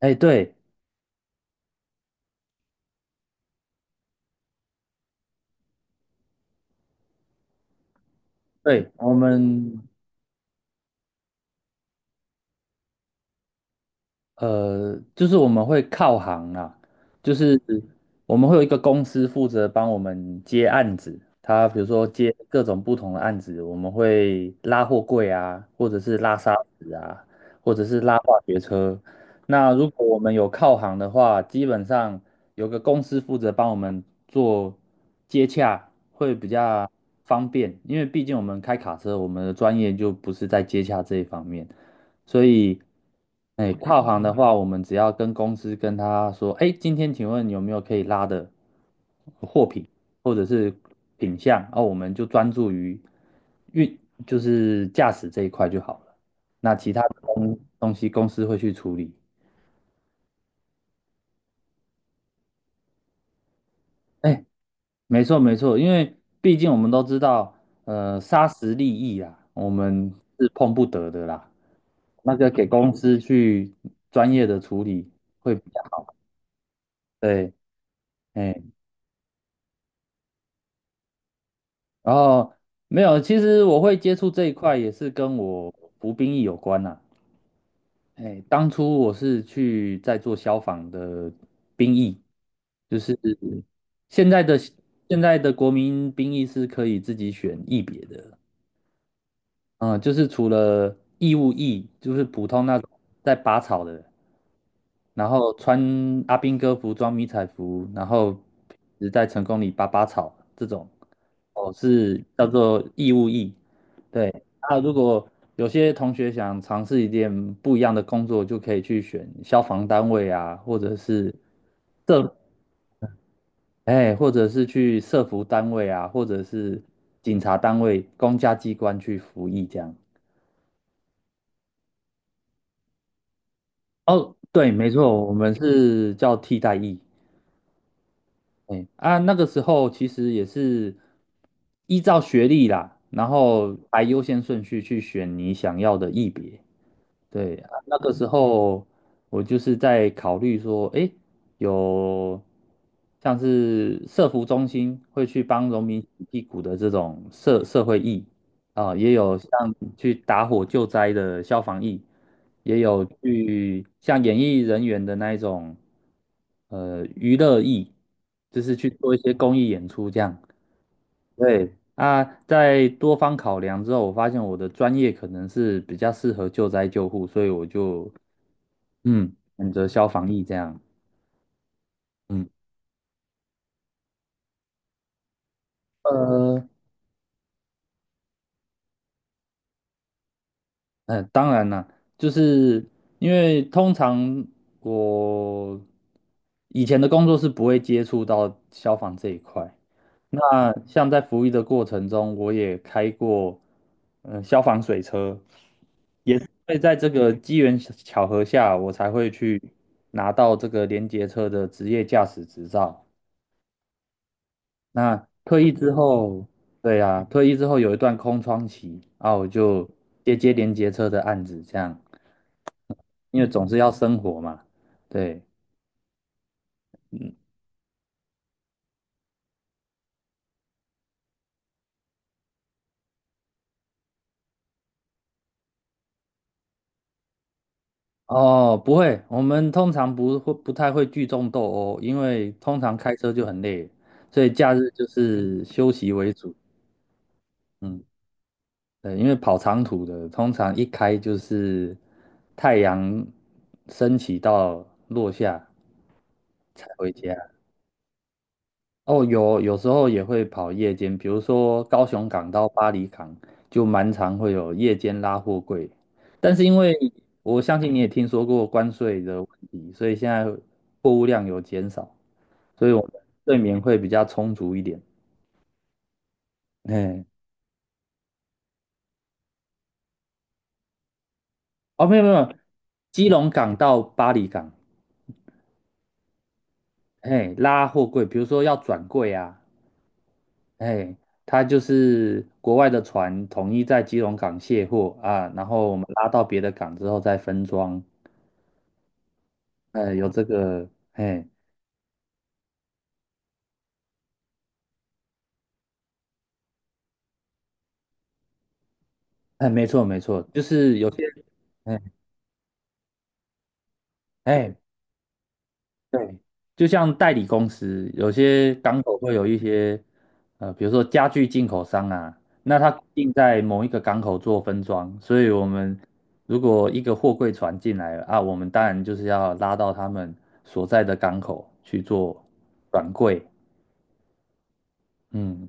哎，对对，我们就是我们会靠行啦，就是我们会有一个公司负责帮我们接案子，他比如说接各种不同的案子，我们会拉货柜啊，或者是拉沙子啊，或者是拉化学车。那如果我们有靠行的话，基本上有个公司负责帮我们做接洽，会比较方便，因为毕竟我们开卡车，我们的专业就不是在接洽这一方面。所以，哎，跨行的话，我们只要跟公司跟他说，哎，今天请问有没有可以拉的货品或者是品项，哦，我们就专注于运，就是驾驶这一块就好了。那其他的东西公司会去处理。哎，没错没错，因为毕竟我们都知道，砂石利益啊，我们是碰不得的啦。那个给公司去专业的处理会比较好。对。哎。然后没有，其实我会接触这一块也是跟我服兵役有关啦、哎，当初我是去在做消防的兵役，就是现在的现在的国民兵役是可以自己选役别的，啊，就是除了义务役，就是普通那种在拔草的，然后穿阿兵哥服装、迷彩服，然后只在成功里拔拔草这种，哦，是叫做义务役。对，那如果有些同学想尝试一点不一样的工作，就可以去选消防单位啊，或者是社，哎，或者是去社服单位啊，或者是警察单位、公家机关去服役这样。哦，对，没错，我们是叫替代役。哎啊，那个时候其实也是依照学历啦，然后排优先顺序去选你想要的艺别。对，啊那个时候我就是在考虑说，哎，有像是社福中心会去帮农民洗屁股的这种社会义啊，也有像去打火救灾的消防义。也有去像演艺人员的那一种，娱乐艺，就是去做一些公益演出这样。对啊，在多方考量之后，我发现我的专业可能是比较适合救灾救护，所以我就选择消防役这样。嗯，呃，当然啦，就是因为通常我以前的工作是不会接触到消防这一块。那像在服役的过程中，我也开过，消防水车，所以在这个机缘巧合下，我才会去拿到这个联结车的职业驾驶执照。那退役之后，对啊，退役之后有一段空窗期，啊，我就接连结车的案子，这样，因为总是要生活嘛，对。嗯。哦，不会，我们通常不太会聚众斗殴，因为通常开车就很累，所以假日就是休息为主。嗯，对，因为跑长途的，通常一开就是太阳升起到落下才回家。哦，有时候也会跑夜间，比如说高雄港到巴黎港，就蛮常会有夜间拉货柜。但是因为我相信你也听说过关税的问题，所以现在货物量有减少，所以我们睡眠会比较充足一点。嘿，哦，没有没有，基隆港到巴黎港，嘿，拉货柜，比如说要转柜啊，嘿，它就是国外的船统一在基隆港卸货啊，然后我们拉到别的港之后再分装。有这个，哎，哎，没错没错，就是有些，哎哎，对，就像代理公司，有些港口会有一些，比如说家具进口商啊，那他定在某一个港口做分装，所以我们如果一个货柜船进来了啊，我们当然就是要拉到他们所在的港口去做转柜，嗯，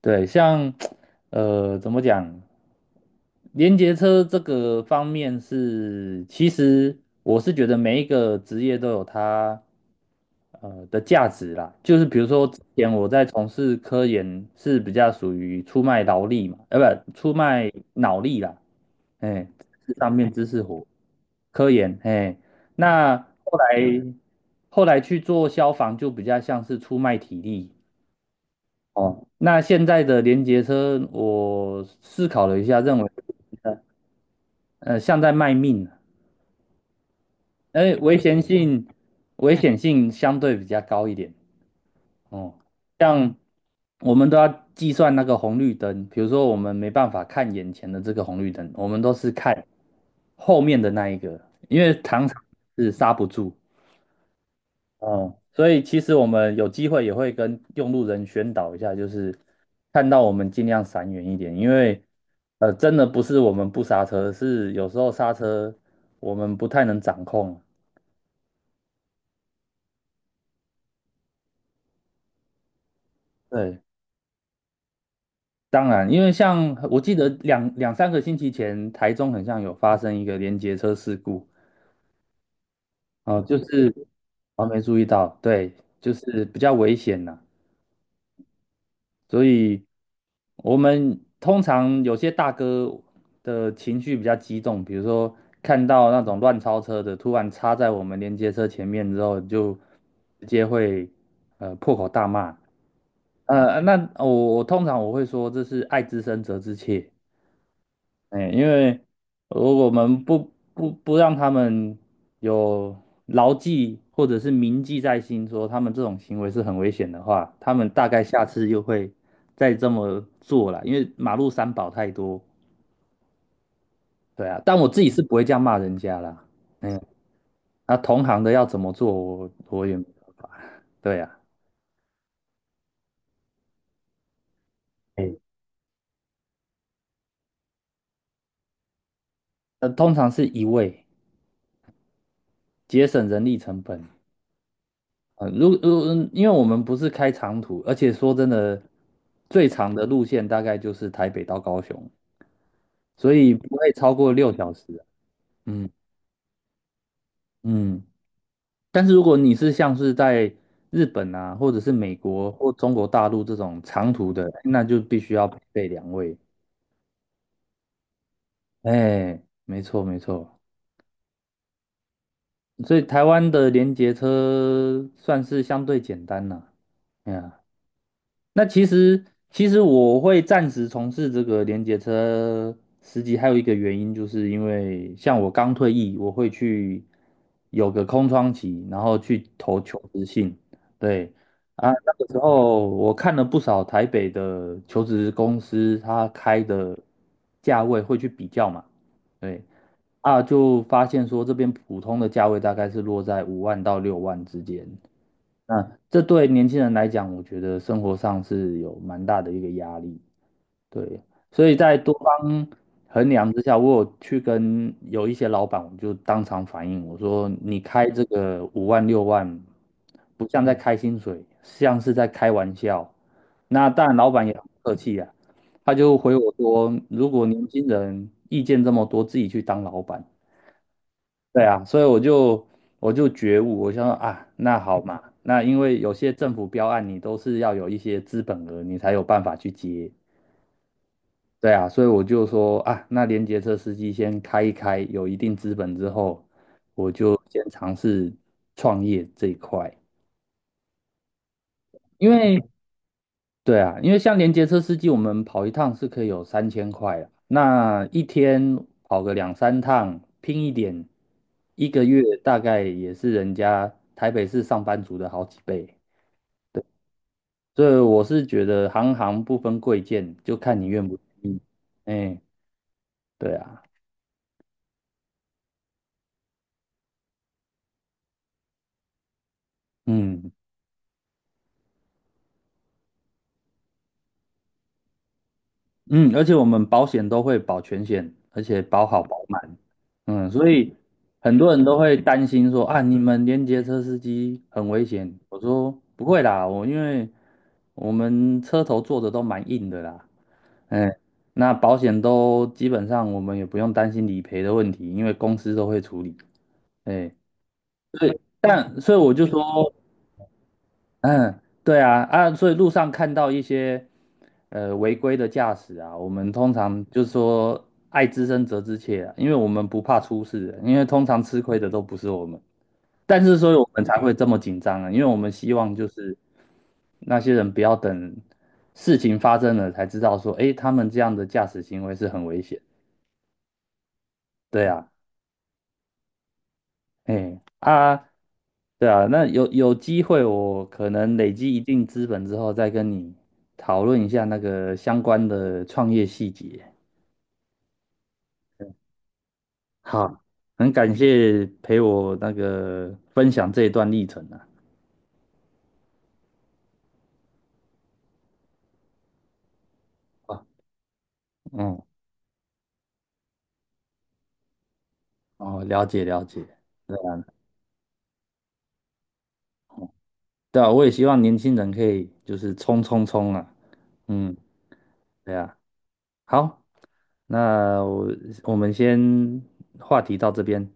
对，像怎么讲，连接车这个方面是，其实我是觉得每一个职业都有它的价值啦。就是比如说之前我在从事科研是比较属于出卖劳力嘛，不，出卖脑力啦，哎，知识上面知识活。科研，嘿，那后来后来去做消防就比较像是出卖体力，哦，那现在的连接车，我思考了一下，认为，呃，像在卖命啊，哎，危险性相对比较高一点。哦，像我们都要计算那个红绿灯，比如说我们没办法看眼前的这个红绿灯，我们都是看后面的那一个，因为常常是刹不住。嗯，所以其实我们有机会也会跟用路人宣导一下，就是看到我们尽量闪远一点，因为真的不是我们不刹车，是有时候刹车我们不太能掌控。对，当然，因为像我记得两三个星期前，台中很像有发生一个连结车事故，哦，就是我没注意到，对，就是比较危险呐、所以我们通常有些大哥的情绪比较激动，比如说看到那种乱超车的突然插在我们连接车前面之后，就直接会破口大骂。那我通常我会说这是爱之深责之切，哎，因为如果我们不让他们有牢记或者是铭记在心，说他们这种行为是很危险的话，他们大概下次又会再这么做了。因为马路三宝太多，对啊，但我自己是不会这样骂人家啦。嗯，那同行的要怎么做，我也没办法。对啊，哎，那通常是一位节省人力成本，呃，如如，因为我们不是开长途，而且说真的，最长的路线大概就是台北到高雄，所以不会超过6小时啊。嗯嗯，但是如果你是像是在日本啊，或者是美国或中国大陆这种长途的，那就必须要配备两位。哎，没错没错，所以台湾的联结车算是相对简单啦。哎呀那其实我会暂时从事这个联结车司机，还有一个原因，就是因为像我刚退役，我会去有个空窗期，然后去投求职信。对啊，那个时候我看了不少台北的求职公司，他开的价位会去比较嘛。对啊，就发现说这边普通的价位大概是落在5万到6万之间。那这对年轻人来讲，我觉得生活上是有蛮大的一个压力。对，所以在多方衡量之下，我有去跟有一些老板，我就当场反映，我说你开这个5万6万，不像在开薪水，像是在开玩笑。那当然，老板也很客气啊，他就回我说，如果年轻人意见这么多，自己去当老板。对啊，所以我就觉悟，我想说啊，那好嘛，那因为有些政府标案你都是要有一些资本额，你才有办法去接。对啊，所以我就说啊，那联结车司机先开一开，有一定资本之后，我就先尝试创业这一块，因为对啊，因为像连接车司机，我们跑一趟是可以有3000块啊。那一天跑个两三趟，拼一点，一个月大概也是人家台北市上班族的好几倍。对，所以我是觉得行行不分贵贱，就看你愿不愿意。哎，对啊，嗯。嗯，而且我们保险都会保全险，而且保好保满，嗯，所以很多人都会担心说啊，你们连接车司机很危险。我说不会啦，我因为我们车头做的都蛮硬的啦，哎，那保险都基本上我们也不用担心理赔的问题，因为公司都会处理，哎，对，但所以我就说。嗯，对啊，啊，所以路上看到一些违规的驾驶啊，我们通常就是说爱之深责之切啊，因为我们不怕出事，因为通常吃亏的都不是我们，但是所以我们才会这么紧张啊，因为我们希望就是那些人不要等事情发生了才知道说，诶，他们这样的驾驶行为是很危险，对啊。哎啊，对啊，那有机会，我可能累积一定资本之后，再跟你讨论一下那个相关的创业细节。好，很感谢陪我那个分享这一段历程啊。啊嗯，哦，了解了解。对啊，我也希望年轻人可以就是冲冲冲啊。嗯，对啊。好，那我们先话题到这边。